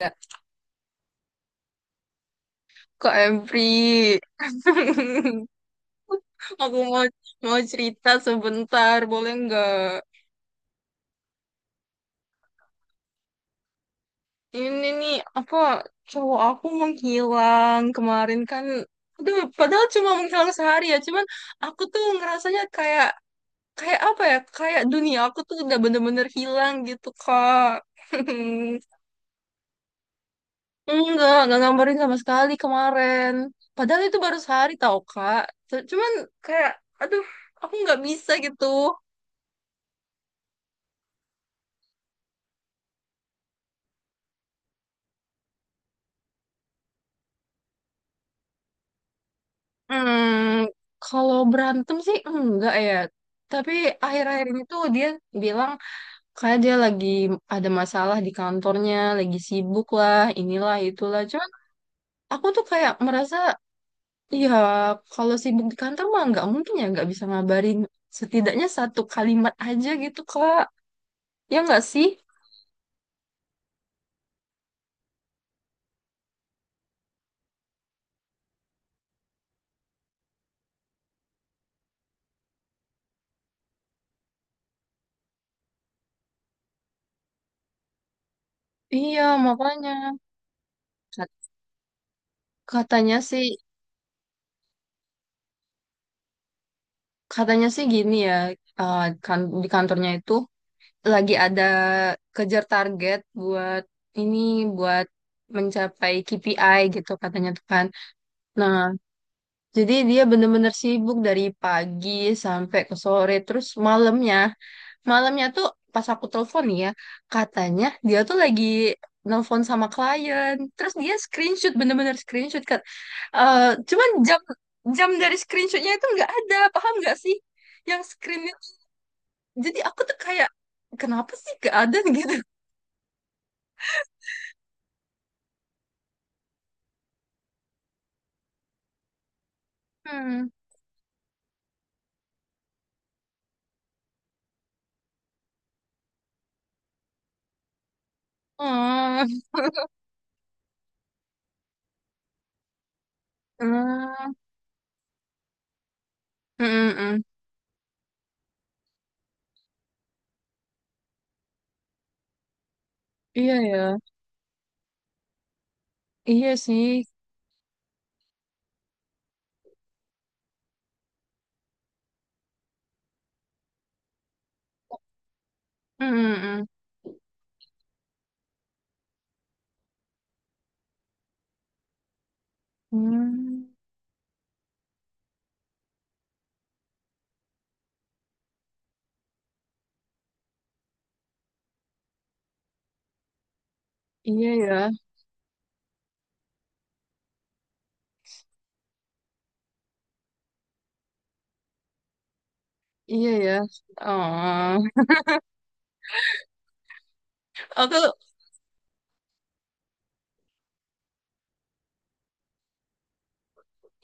Ya, Kak Emri, aku mau mau cerita sebentar, boleh nggak? Ini nih apa cowok aku menghilang kemarin kan, aduh, padahal cuma menghilang sehari ya, cuman aku tuh ngerasanya kayak kayak apa ya, kayak dunia aku tuh udah bener-bener hilang gitu Kak. Enggak ngabarin sama sekali kemarin. Padahal itu baru sehari tau Kak. Cuman kayak, aduh, aku nggak bisa gitu. Hmm, kalau berantem sih enggak ya. Tapi akhir-akhir ini tuh dia bilang kayak dia lagi ada masalah di kantornya, lagi sibuk lah, inilah itulah. Cuman aku tuh kayak merasa ya kalau sibuk di kantor mah nggak mungkin ya nggak bisa ngabarin setidaknya satu kalimat aja gitu Kak. Ya nggak sih? Iya, makanya Kat- katanya sih gini ya eh, kan di kantornya itu lagi ada kejar target buat ini buat mencapai KPI gitu katanya tuh kan. Nah, jadi dia bener-bener sibuk dari pagi sampai ke sore terus malamnya. Malamnya tuh pas aku telepon nih ya, katanya dia tuh lagi nelpon sama klien. Terus dia screenshot bener-bener screenshot kan. Eh, cuman jam jam dari screenshotnya itu nggak ada, paham nggak sih? Yang screen jadi aku tuh kayak kenapa sih gak ada gitu. Hmm. Oh. Hmm. Hmm, hmm. Iya ya. Iya sih. Hmm. Hmm, hmm. Hmm. Iya ya. Iya ya. Oh. Aku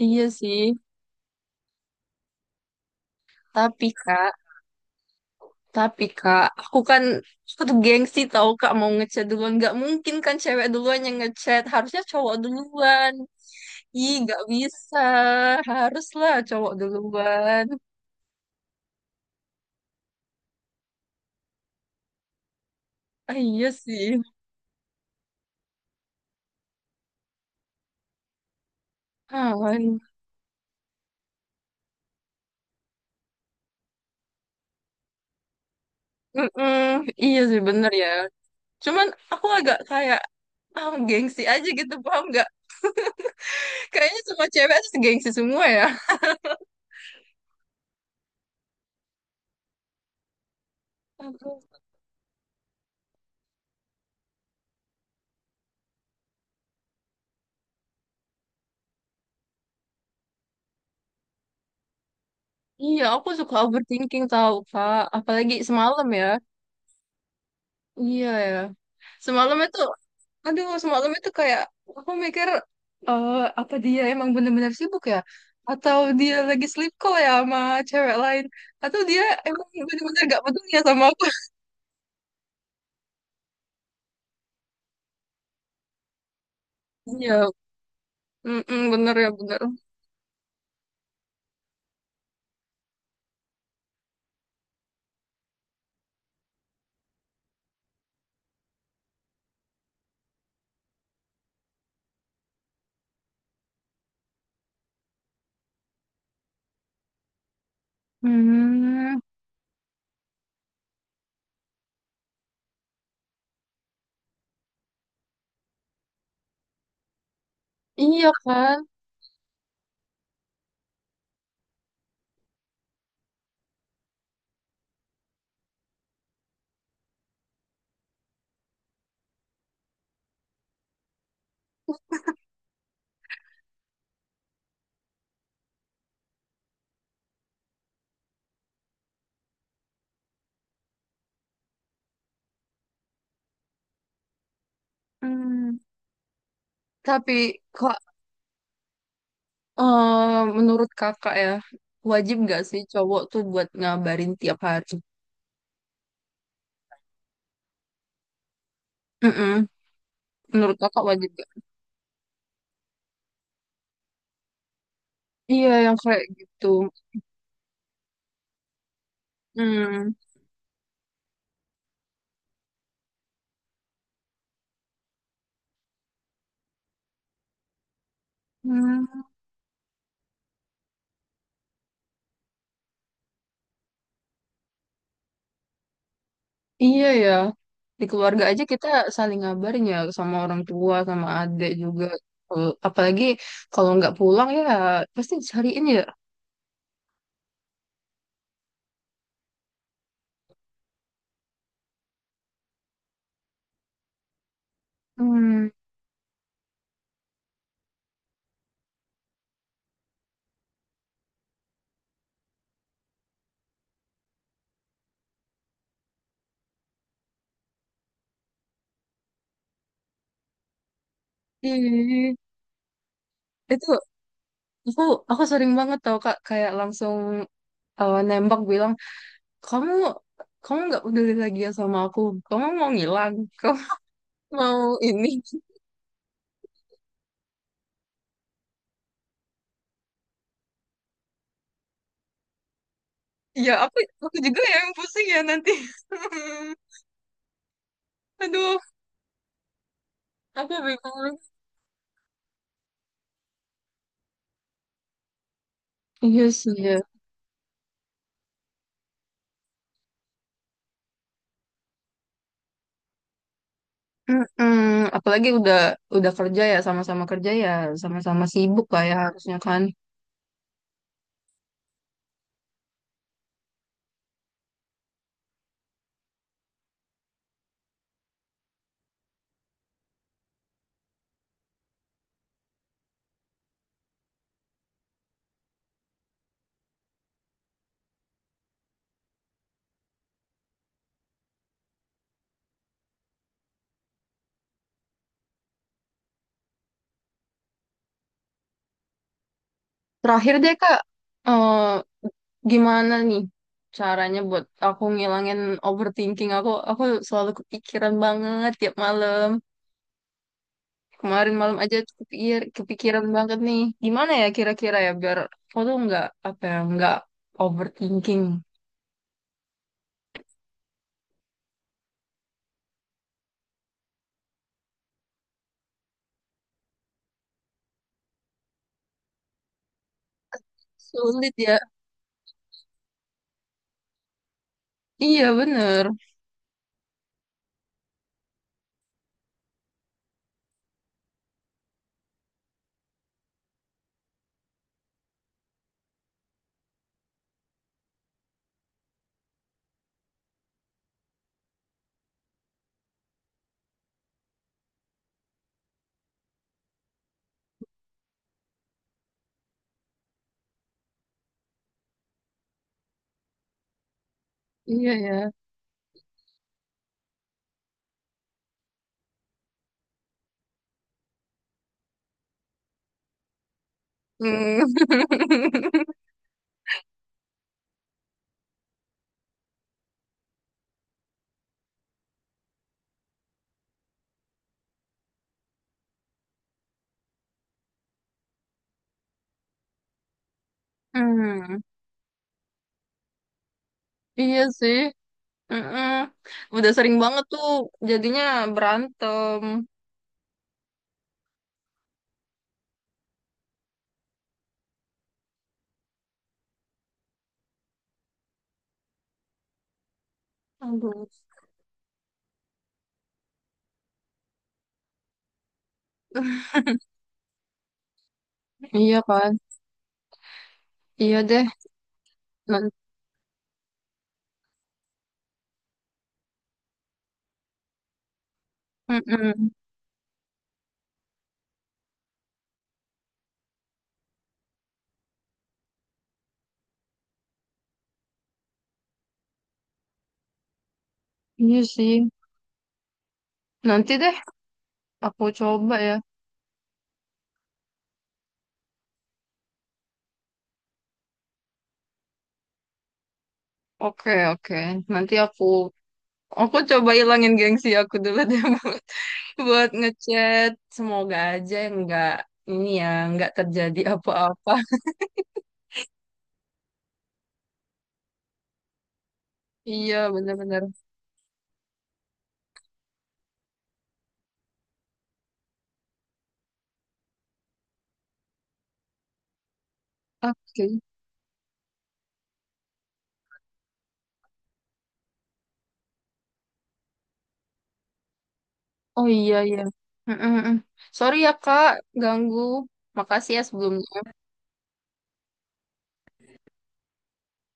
iya sih. Tapi Kak, tapi Kak, aku kan aku tuh gengsi tau Kak mau ngechat duluan. Nggak mungkin kan cewek duluan yang ngechat. Harusnya cowok duluan. Ih, nggak bisa. Haruslah cowok duluan. Ah, iya sih. Ah, mm-mm. Iya sih bener ya. Cuman aku agak kayak ah, gengsi aja gitu, paham nggak? Kayaknya semua cewek itu gengsi semua ya. Aku, iya, aku suka overthinking tahu Kak. Apalagi semalam ya. Iya ya. Semalam itu, aduh semalam itu kayak aku mikir apa dia emang bener-bener sibuk ya? Atau dia lagi sleep call ya sama cewek lain? Atau dia emang bener-bener gak peduli ya sama aku? Iya, mm bener ya bener. Hmm, iya kan? Hmm. Tapi kok menurut kakak ya wajib nggak sih cowok tuh buat ngabarin tiap hari? Mm-mm. Menurut kakak wajib gak? Iya yang kayak gitu. Hmm. Hmm. Iya ya. Di keluarga aja kita saling ngabarin ya sama orang tua sama adik juga. Apalagi kalau nggak pulang ya pasti dicariin ya. Hmm. Ih, itu aku aku sering banget tau Kak kayak langsung nembak bilang kamu kamu nggak peduli lagi ya sama aku kamu mau ngilang kamu mau ini ya aku juga ya yang pusing ya nanti aduh aku bingung iya sih ya. Mm-mm. Apalagi udah kerja ya sama-sama sibuk lah ya harusnya kan terakhir deh kak eh gimana nih caranya buat aku ngilangin overthinking aku selalu kepikiran banget tiap malam. Kemarin malam aja tuh kepikir, kepikiran banget nih. Gimana ya kira-kira ya biar aku tuh nggak apa ya nggak overthinking. Sulit ya. Iya bener. Iya ya. Hmm. Hmm. Iya sih. Mm-mm. Udah sering banget tuh jadinya berantem. Aduh. Iya kan? Iya deh. Nanti. Iya sih. Nanti deh aku coba ya. Oke, oke. Nanti aku coba ilangin gengsi aku dulu deh buat, buat ngechat. Semoga aja nggak ini ya nggak terjadi apa-apa. Iya bener-bener. Oke. Oh iya iya. Mm, mm, mm. Sorry ya Kak, ganggu. Makasih ya sebelumnya.